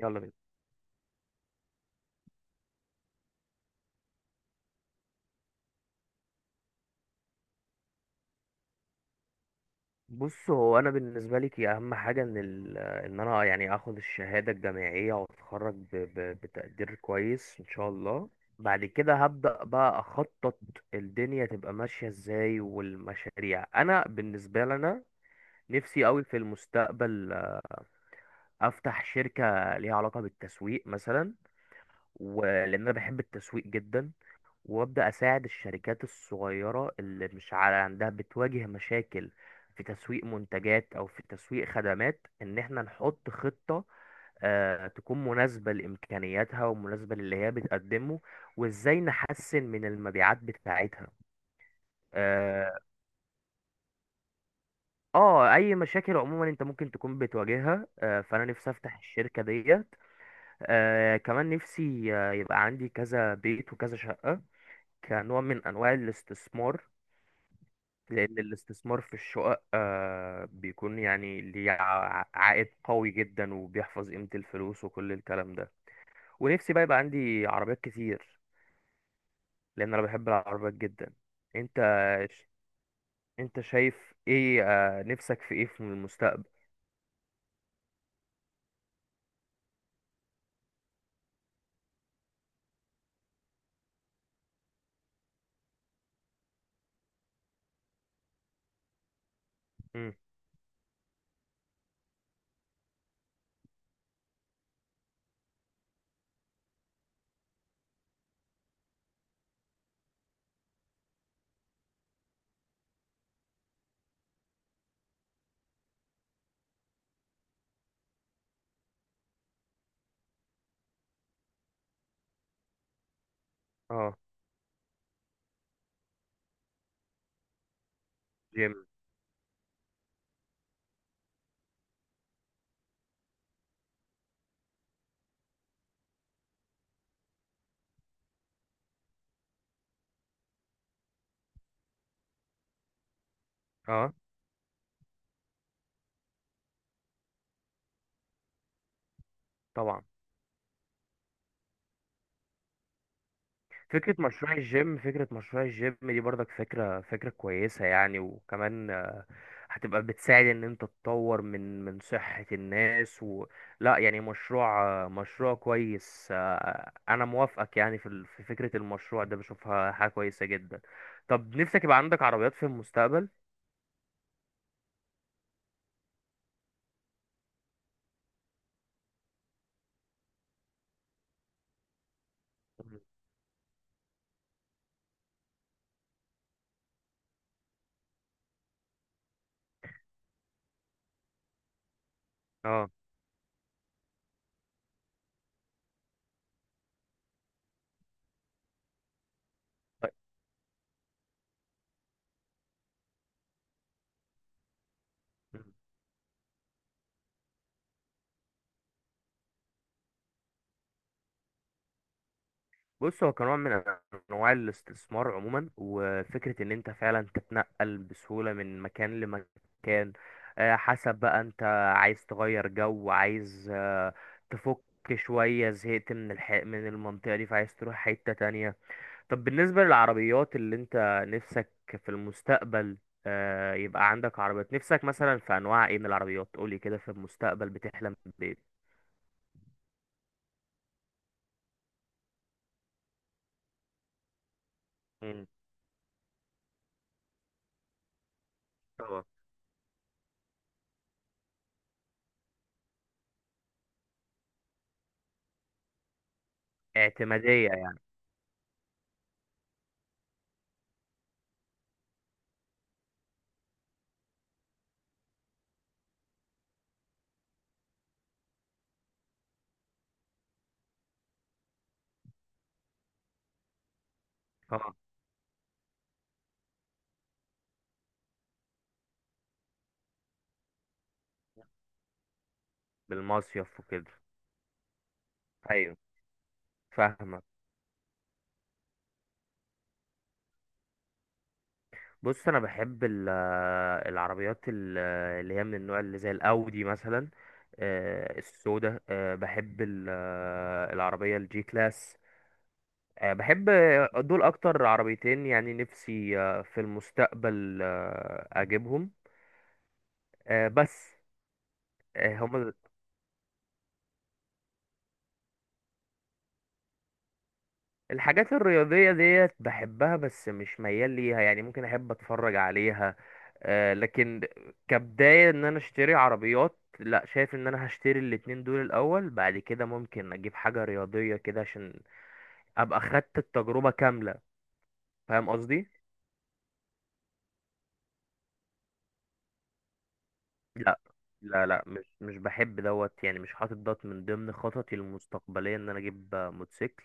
يلا بينا. بص، هو انا بالنسبه لي كي اهم حاجه ان ال... ان انا يعني اخد الشهاده الجامعيه واتخرج بتقدير كويس ان شاء الله. بعد كده هبدا بقى اخطط الدنيا تبقى ماشيه ازاي والمشاريع. انا بالنسبه لنا نفسي قوي في المستقبل، افتح شركه ليها علاقه بالتسويق مثلا، ولان انا بحب التسويق جدا وابدا اساعد الشركات الصغيره اللي مش على عندها بتواجه مشاكل في تسويق منتجات او في تسويق خدمات، ان احنا نحط خطه تكون مناسبه لامكانياتها ومناسبه للي هي بتقدمه، وازاي نحسن من المبيعات بتاعتها. اه، اي مشاكل عموما انت ممكن تكون بتواجهها، فانا نفسي افتح الشركه ديت. كمان نفسي يبقى عندي كذا بيت وكذا شقه، كنوع من انواع الاستثمار. لأن الاستثمار في الشقق بيكون يعني ليه عائد قوي جدا وبيحفظ قيمة الفلوس وكل الكلام ده. ونفسي بقى يبقى عندي عربيات كتير، لأن أنا بحب العربيات جدا. أنت، ش- أنت شايف إيه، نفسك في إيه في المستقبل؟ مم. أه. جيم. أه طبعا. فكرة مشروع الجيم، دي برضك فكرة كويسة يعني، وكمان هتبقى بتساعد ان انت تطور من صحة الناس و... لا يعني مشروع كويس، انا موافقك يعني في فكرة المشروع ده، بشوفها حاجة كويسة جدا. طب نفسك يبقى عندك عربيات في المستقبل؟ مم. اه. طيب. بص، هو كنوع من انواع الاستثمار عموما، وفكره ان انت فعلا تتنقل بسهوله من مكان لمكان، حسب بقى انت عايز تغير جو، عايز تفك شويه، زهقت من من المنطقه دي فعايز تروح حته تانية. طب بالنسبه للعربيات اللي انت نفسك في المستقبل يبقى عندك عربيات، نفسك مثلا في انواع ايه من العربيات؟ قولي كده، في المستقبل بتحلم بايه؟ مم، طبعا. اعتماديه يعني. اه. بالمصيف وكده. ايوه. فاهمك. بص، انا بحب العربيات اللي هي من النوع اللي زي الاودي مثلا، السودا. بحب العربيه الجي كلاس، بحب. دول اكتر عربيتين يعني نفسي في المستقبل اجيبهم، بس. هم، الحاجات الرياضية ديت بحبها بس مش ميال ليها، يعني ممكن أحب أتفرج عليها، لكن كبداية إن أنا أشتري عربيات، لا، شايف إن أنا هشتري الاتنين دول الأول، بعد كده ممكن أجيب حاجة رياضية كده، عشان أبقى خدت التجربة كاملة. فاهم قصدي؟ لا. لا مش بحب دوت يعني، مش حاطط دوت من ضمن خططي المستقبلية إن أنا أجيب، موتوسيكل.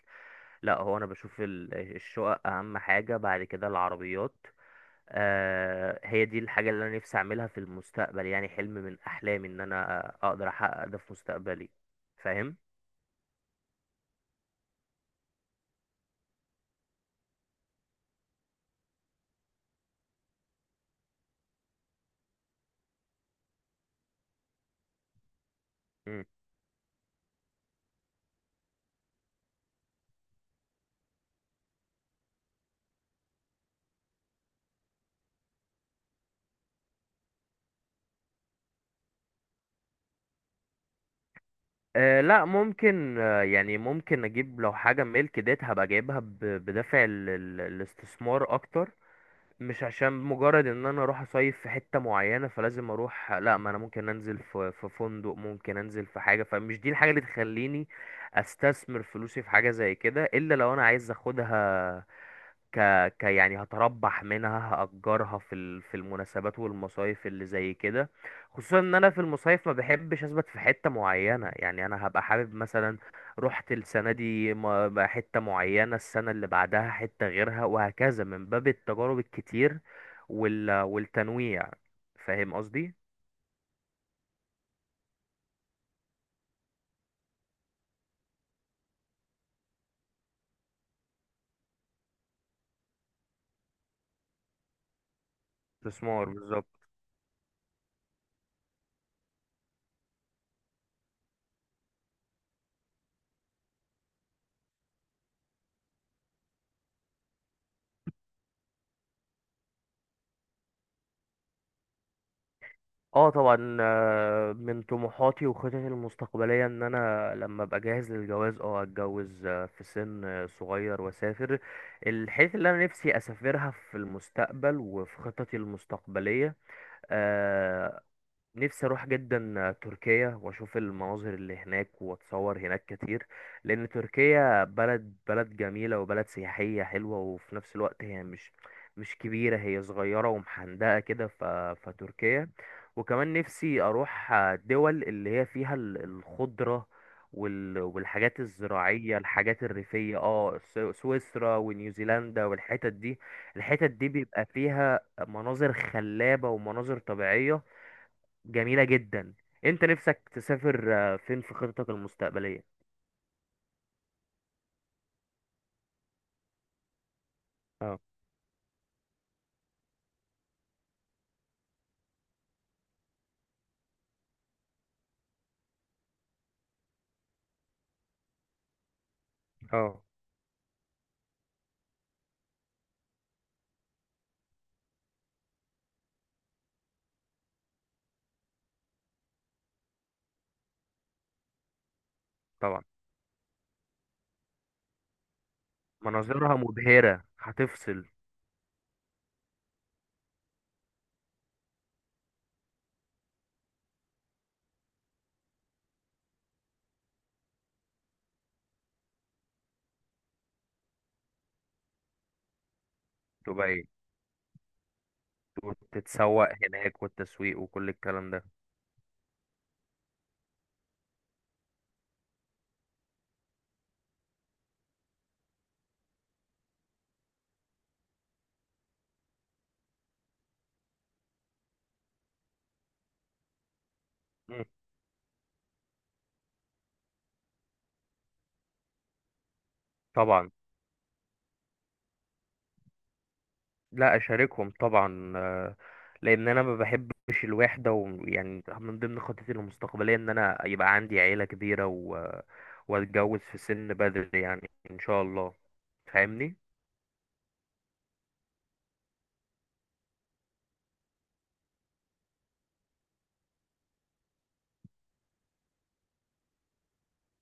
لا، هو أنا بشوف الشقق أهم حاجة، بعد كده العربيات. هي دي الحاجة اللي أنا نفسي أعملها في المستقبل، يعني حلم من أحلامي إن أنا أقدر أحقق ده في مستقبلي. فاهم؟ مم. أه، لا ممكن، يعني ممكن أجيب لو حاجة ملك ديت، هبقى جايبها بدافع الاستثمار أكتر، مش عشان مجرد إن أنا أروح أصيف في حتة معينة فلازم أروح. لا، ما أنا ممكن أنزل في فندق، ممكن أنزل في حاجة، فمش دي الحاجة اللي تخليني أستثمر فلوسي في حاجة زي كده، إلا لو أنا عايز أخدها ك... ك يعني هتربح منها، هأجرها في المناسبات والمصايف اللي زي كده. خصوصا ان انا في المصايف ما بحبش اثبت في حتة معينة، يعني انا هبقى حابب مثلا رحت السنة دي بقى حتة معينة، السنة اللي بعدها حتة غيرها، وهكذا من باب التجارب الكتير والتنويع. فاهم قصدي؟ استثمار بالظبط. اه طبعا، من طموحاتي وخططي المستقبليه ان انا لما ابقى جاهز للجواز اه اتجوز في سن صغير، واسافر الحته اللي انا نفسي اسافرها في المستقبل وفي خططي المستقبليه. آه، نفسي اروح جدا تركيا واشوف المناظر اللي هناك واتصور هناك كتير، لان تركيا بلد جميلة وبلد سياحية حلوة، وفي نفس الوقت هي مش كبيرة، هي صغيرة ومحندقة كده فتركيا. وكمان نفسي اروح دول اللي هي فيها الخضرة والحاجات الزراعية، الحاجات الريفية، اه سويسرا ونيوزيلندا والحتت دي. الحتت دي بيبقى فيها مناظر خلابة ومناظر طبيعية جميلة جدا. انت نفسك تسافر فين في خطتك المستقبلية؟ اه. اه طبعا. مناظرها مبهرة، هتفصل. دبي، وتتسوق هناك والتسويق وكل الكلام ده. مم. طبعا. لا، اشاركهم طبعا، لان انا ما بحبش الوحده، ويعني من ضمن خطتي المستقبليه ان انا يبقى عندي عيله كبيره و... واتجوز في سن بدري يعني ان شاء الله. فاهمني